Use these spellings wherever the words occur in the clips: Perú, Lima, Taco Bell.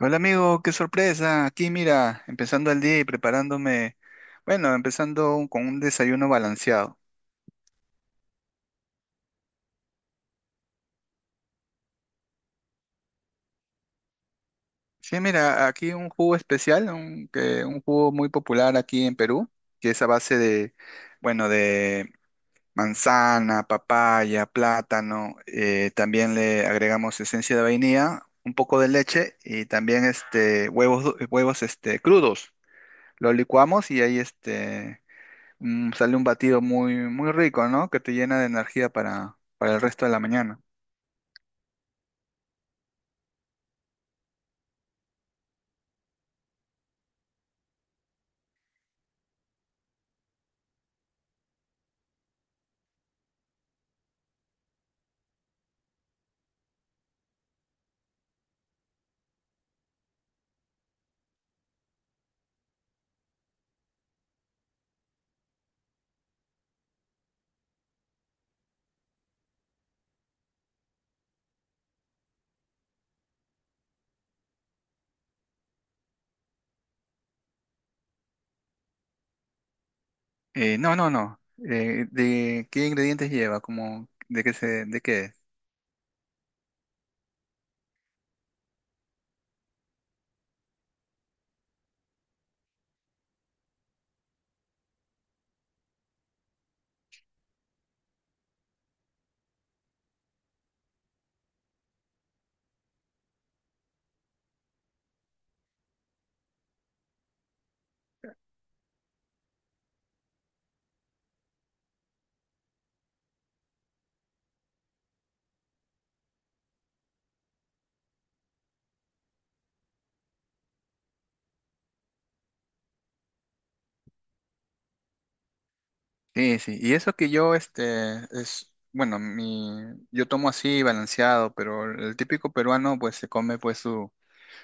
Hola amigo, qué sorpresa. Aquí mira, empezando el día y preparándome, bueno, con un desayuno balanceado. Sí, mira, aquí un jugo especial, un jugo muy popular aquí en Perú, que es a base de, bueno, de manzana, papaya, plátano. También le agregamos esencia de vainilla, un poco de leche y también huevos, huevos crudos. Lo licuamos y ahí sale un batido muy, muy rico, ¿no? Que te llena de energía para el resto de la mañana. No, no, no. ¿De qué ingredientes lleva? Como, de qué es? Sí, sí. Y eso que yo, es, bueno, mi, yo tomo así balanceado, pero el típico peruano, pues, se come, pues,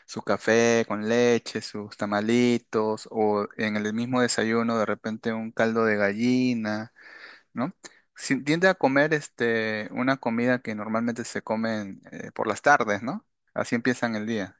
su café con leche, sus tamalitos, o en el mismo desayuno, de repente, un caldo de gallina, ¿no? Tiende a comer una comida que normalmente se comen por las tardes, ¿no? Así empiezan el día.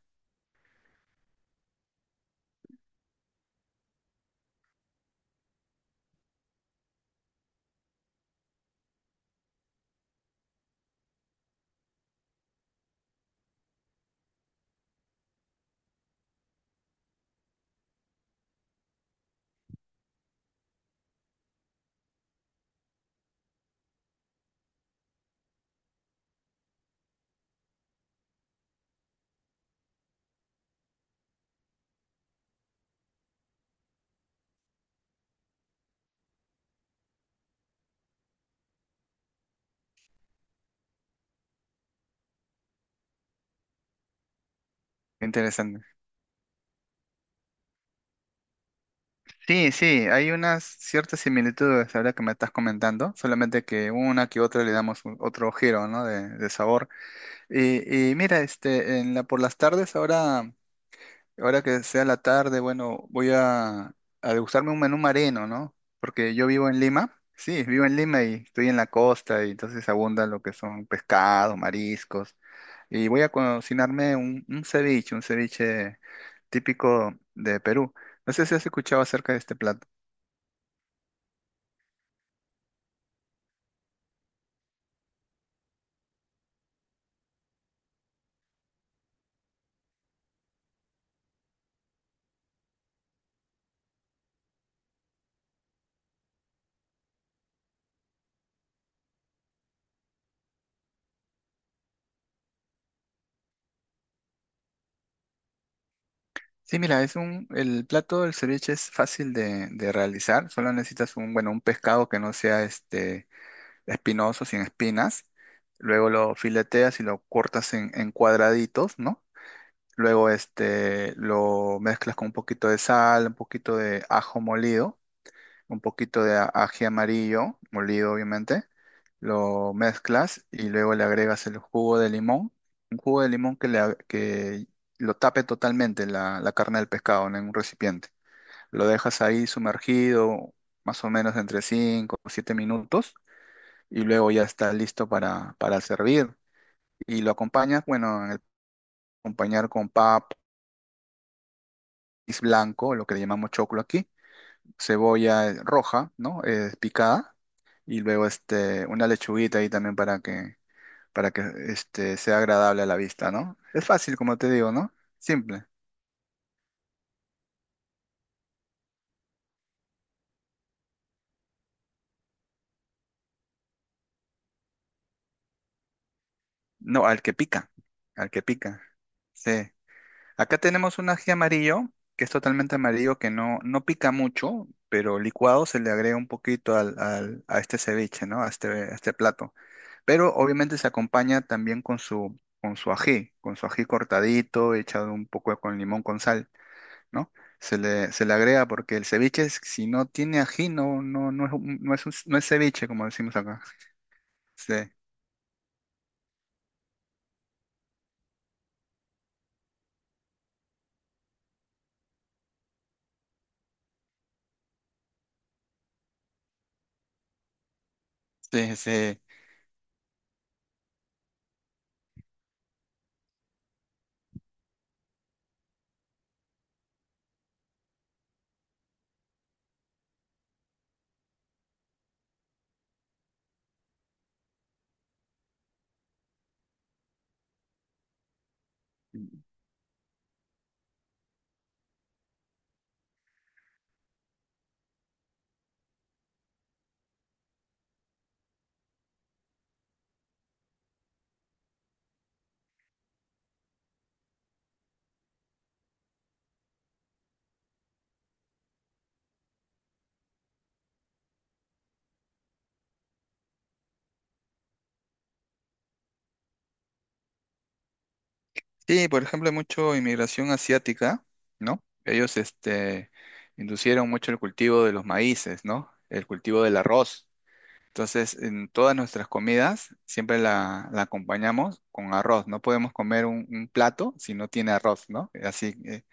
Qué interesante. Sí, sí, hay unas ciertas similitudes ahora que me estás comentando, solamente que una que otra le damos otro giro, ¿no? De sabor. Y mira, por las tardes ahora que sea la tarde, bueno, voy a degustarme un menú marino, ¿no? Porque yo vivo en Lima, sí, vivo en Lima y estoy en la costa y entonces abundan lo que son pescados, mariscos. Y voy a cocinarme un ceviche típico de Perú. No sé si has escuchado acerca de este plato. Sí, mira, el plato del ceviche es fácil de realizar, solo necesitas un, bueno, un pescado que no sea este espinosos y en espinas. Luego lo fileteas y lo cortas en cuadraditos, ¿no? Luego lo mezclas con un poquito de sal, un poquito de ajo molido, un poquito de ají amarillo, molido obviamente. Lo mezclas y luego le agregas el jugo de limón. Un jugo de limón que lo tape totalmente la, la carne del pescado, ¿no? En un recipiente. Lo dejas ahí sumergido más o menos entre 5 o 7 minutos y luego ya está listo para servir. Y lo acompañas, bueno, acompañar con pap maíz blanco, lo que le llamamos choclo aquí, cebolla roja, ¿no? Picada, y luego una lechuguita ahí también para que sea agradable a la vista, ¿no? Es fácil, como te digo, ¿no? Simple. No, al que pica, al que pica. Sí. Acá tenemos un ají amarillo, que es totalmente amarillo, que no, no pica mucho, pero licuado se le agrega un poquito a este ceviche, ¿no? A este plato. Pero obviamente se acompaña también con con su ají cortadito, echado un poco con limón con sal, ¿no? Se le agrega porque el ceviche, si no tiene ají, no, no, no es, no es, no es ceviche, como decimos acá. Sí, sí, sí. Sí, por ejemplo, hay mucha inmigración asiática, ¿no? Ellos, inducieron mucho el cultivo de los maíces, ¿no? El cultivo del arroz. Entonces, en todas nuestras comidas siempre la acompañamos con arroz. No podemos comer un plato si no tiene arroz, ¿no? Así,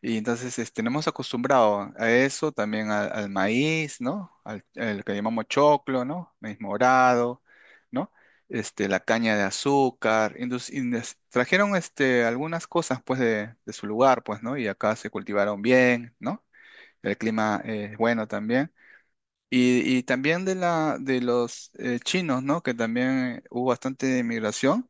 y entonces nos hemos acostumbrado a eso, también al maíz, ¿no? Al que llamamos choclo, ¿no? Maíz morado, ¿no? Este, la caña de azúcar. Trajeron algunas cosas, pues, de su lugar, pues, ¿no? Y acá se cultivaron bien, ¿no? El clima es bueno también. Y también de los chinos, ¿no? Que también hubo bastante migración,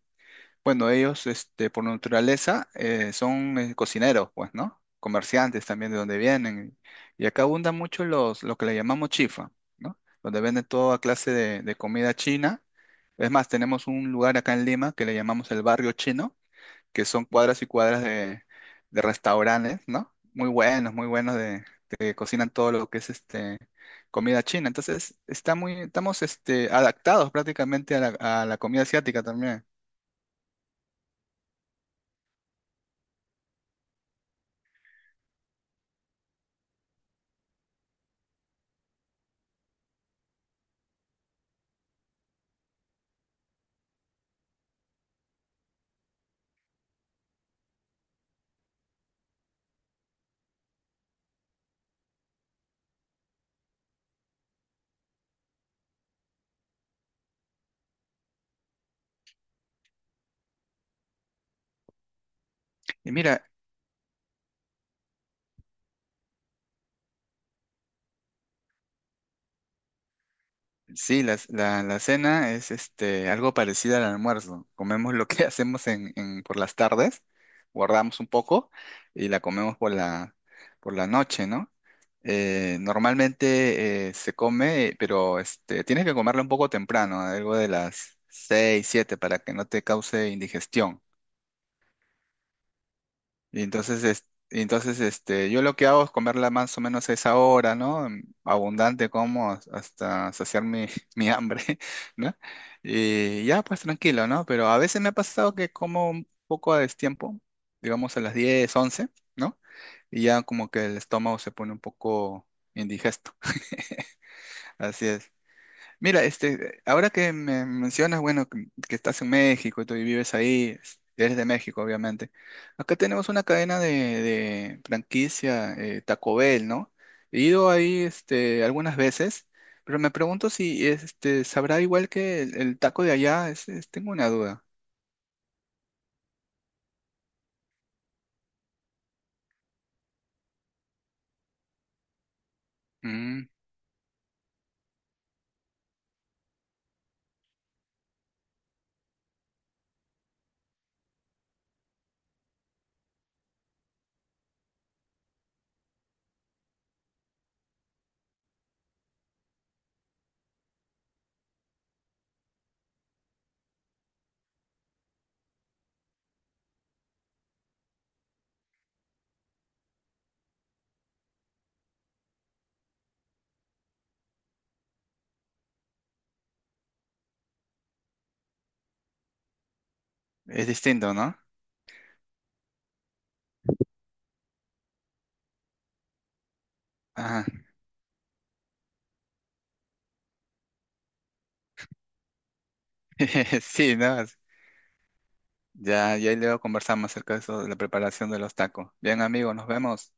bueno, ellos, por naturaleza, son cocineros, pues, ¿no? Comerciantes también de donde vienen. Y acá abundan mucho los, lo que le llamamos chifa, ¿no? Donde venden toda clase de comida china. Es más, tenemos un lugar acá en Lima que le llamamos el barrio chino, que son cuadras y cuadras de restaurantes, ¿no? Muy buenos de, que cocinan todo lo que es este comida china. Entonces, está muy, estamos adaptados prácticamente a la comida asiática también. Y mira, sí, la cena es algo parecido al almuerzo. Comemos lo que hacemos en, por las tardes, guardamos un poco y la comemos por la noche, ¿no? Normalmente se come, pero tienes que comerla un poco temprano, algo de las 6, 7, para que no te cause indigestión. Y entonces, y entonces yo lo que hago es comerla más o menos a esa hora, ¿no? Abundante hasta saciar mi, mi hambre, ¿no? Y ya, pues tranquilo, ¿no? Pero a veces me ha pasado que como un poco a destiempo, digamos a las 10 u 11, ¿no? Y ya como que el estómago se pone un poco indigesto. Así es. Mira, ahora que me mencionas, bueno, que estás en México y tú vives ahí, eres de México, obviamente. Acá tenemos una cadena de franquicia, Taco Bell, ¿no? He ido ahí, algunas veces, pero me pregunto si, sabrá igual que el taco de allá. Tengo una duda. Mm, es distinto, ¿no? Ajá. Sí, nada. Ya, ya luego conversamos acerca de eso, de la preparación de los tacos. Bien, amigos, nos vemos.